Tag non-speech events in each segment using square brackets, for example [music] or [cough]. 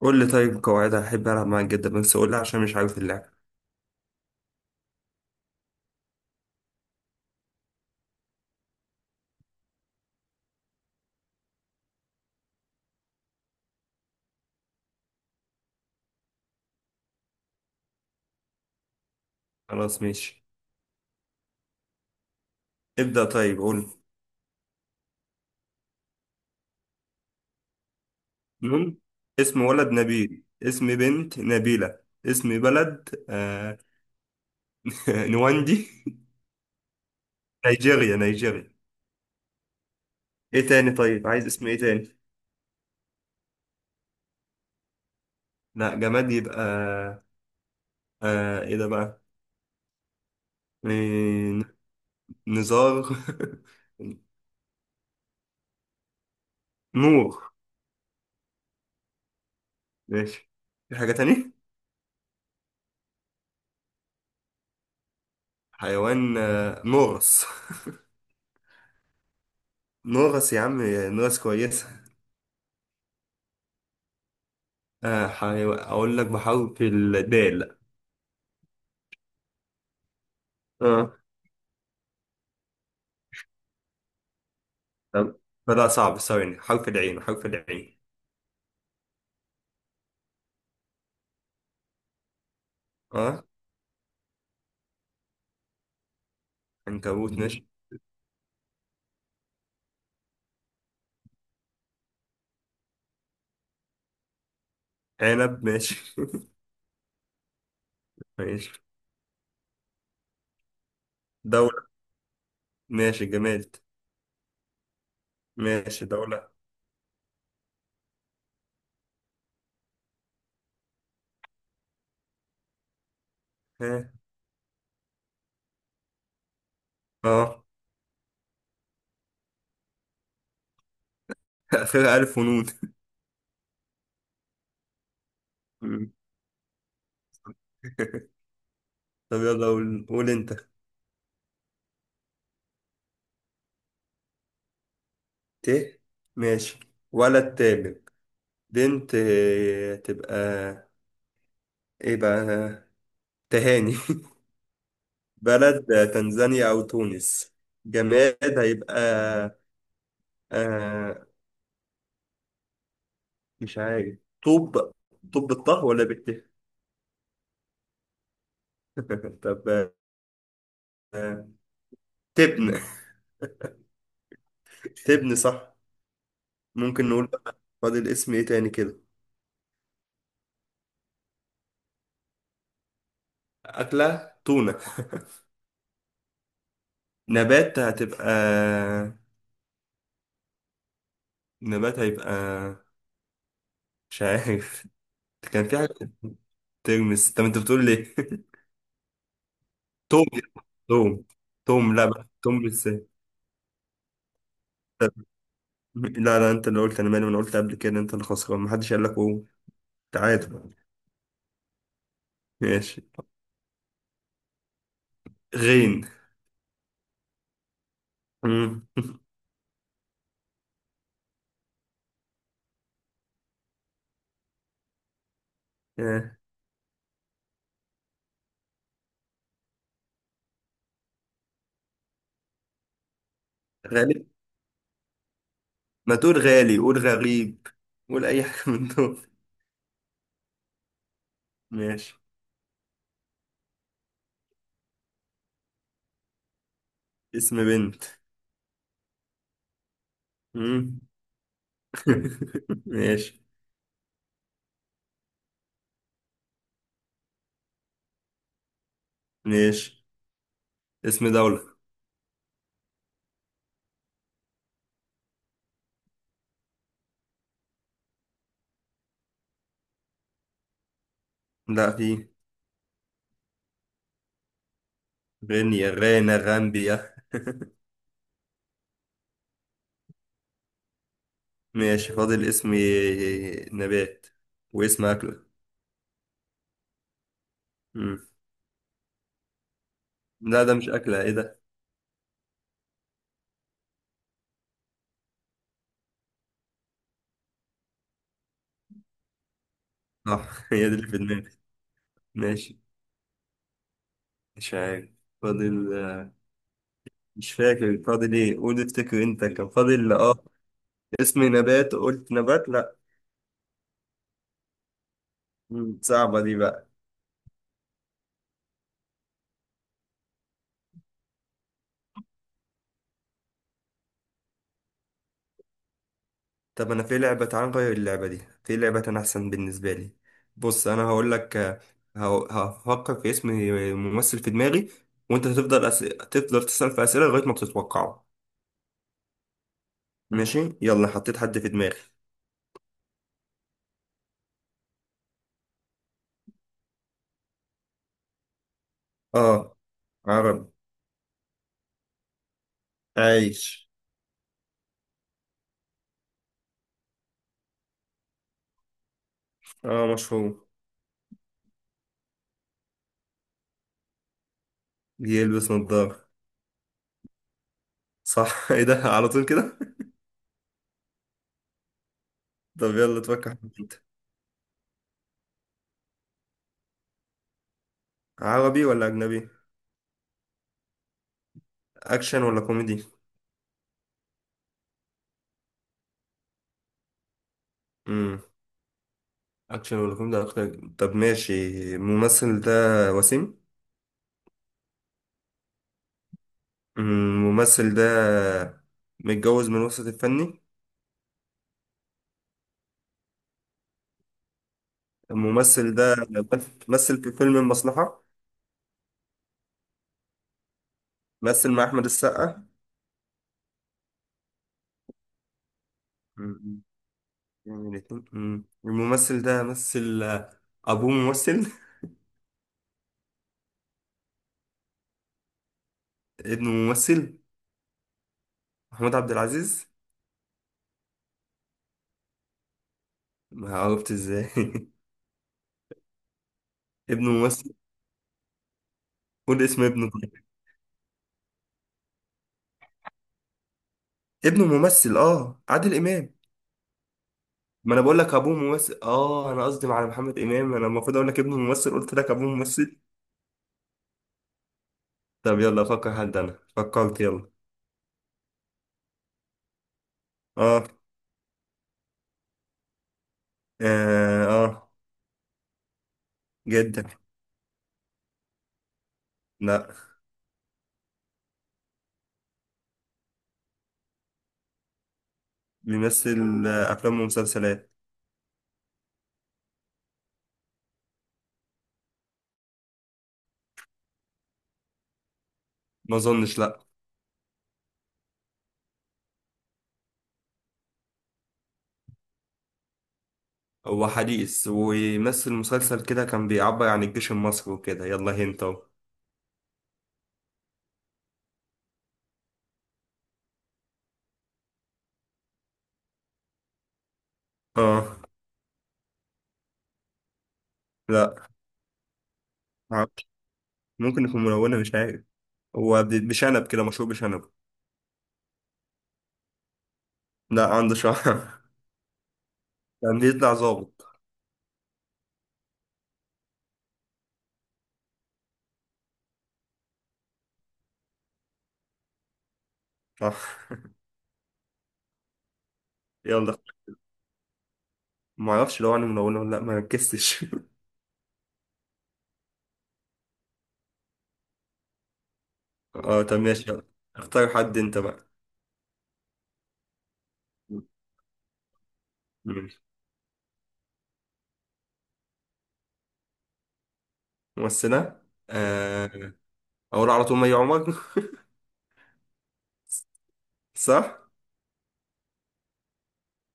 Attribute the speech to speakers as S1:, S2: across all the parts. S1: قول لي. طيب قواعدها هحب ألعب معاك جدا، بس قول لي عشان مش عارف اللعبة. خلاص ماشي. ابدأ، طيب قول. نون. اسم ولد نبيل، اسم بنت نبيلة، اسم بلد [laughs] نواندي. نيجيريا نيجيريا. ايه تاني؟ طيب عايز اسم ايه تاني؟ لا، جماد يبقى ايه ده بقى؟ إيه... نزار. [laughs] نور. ماشي. في حاجة تانية؟ حيوان نورس. [laughs] نورس يا عم. نورس كويس. أقول لك بحرف الدال. آه. تمام. فلا صعب. ثواني، حرف العين حرف العين. آه عنكبوت ماشي. عنب ماشي. [laughs] ماشي. دولة. ماشي جماد. ماشي دولة. ها. آه. [laughs] آخرها ألف ونون. [laughs] طب يلا قول قول أنت. ت. ماشي. ولد تامر. بنت تبقى إيه بقى؟ تهاني. [laughs] بلد تنزانيا أو تونس. جماد هيبقى آه، مش عارف. طوب. طوب بالطه ولا بالت؟ [laughs] طب آه، تبن. تبن صح. ممكن نقول بقى فاضل اسم ايه تاني كده؟ أكلة تونة. [laughs] نبات هتبقى. نبات هيبقى. مش عارف. كان في حاجة. ترمس. طب انت بتقول ليه؟ [laughs] توم. توم. توم، لا، بقى توم بالسين. طب، لا لا، انت اللي قلت، انا مالي، ما انا قلت قبل كده انت اللي خسران، محدش قال لك قوم. تعادل. ماشي. غين. مم. [laughs] آه. غالب. ما تقول غالي، قول غريب. قول أي حاجة [laughs] من دول. ماشي. اسم بنت. مم. [laughs] ماشي. ماشي. اسم دولة. لا، في. غينيا، غانا، غامبيا. ماشي. فاضل اسم نبات واسم أكلة. مم. لا ده مش أكلة، إيه ده؟ آه. [laughs] هي دي اللي في دماغي. ماشي. مش عارف. فاضل مش فاكر فاضل إيه، قول افتكر أنت كان فاضل آه. اسم نبات، قلت نبات لا. مم. صعبة دي بقى. طب انا في لعبة، تعال نغير اللعبة دي، في لعبة انا احسن بالنسبة لي. بص انا هقول لك هفكر في اسم ممثل في دماغي، وانت هتفضل تفضل تسأل في اسئلة لغاية ما بتتوقعه. ماشي، يلا حطيت حد في دماغي. اه، عربي. عايش. اه، مشهور. بيلبس نظارة. صح. [laughs] ايه ده على طول كده؟ [laughs] طب يلا تفكر في انت. عربي ولا اجنبي؟ اكشن ولا كوميدي؟ امم اكشن ولا كوميدي أكتر. طب ماشي. الممثل ده وسيم؟ الممثل ده متجوز من وسط الفني؟ الممثل ده مثل في فيلم المصلحة؟ مثل مع أحمد السقا؟ مم. يعني الممثل ده مثل أبوه ممثل؟ ابنه ممثل. محمود عبد العزيز. ما عرفت ازاي. [laughs] ابنه ممثل. قول اسم ابنه طيب. ابنه ممثل، اه، عادل إمام. ما انا بقول لك ابوه ممثل، اه، انا قصدي على محمد امام، انا المفروض اقول لك ابنه ممثل، قلت لك ابوه ممثل. طب يلا افكر حد، انا فكرت يلا. اه. آه, آه جدا. لا. بيمثل أفلام ومسلسلات. ما أظنش، لا. هو حديث، ويمثل مسلسل كده كان بيعبر عن الجيش المصري وكده. يلا هنت أهو. آه. لا. معرفش. ممكن يكون ملونة، مش عارف. هو بشنب كده، مشهور بشنب. لا، عنده شعر. [laughs] كان بيطلع ظابط. صح. يلا. معرفش لو أنا ملونة ولا لأ، ما ركزتش. [laughs] آه طب ماشي يلا. اختار حد أنت بقى. ماشي. ممثلة. آه، أقول على طول مي عمر. [laughs] صح؟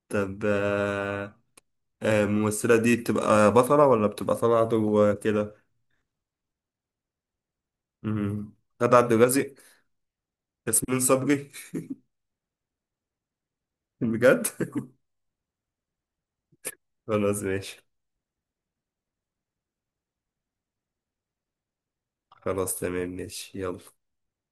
S1: طب الممثلة دي بتبقى بطلة ولا بتبقى طالعة كده؟ مم. غادة عبد الرازق. ياسمين صبري. [laughs] بجد. [laughs] خلاص ماشي. خلاص تمام ماشي يلا.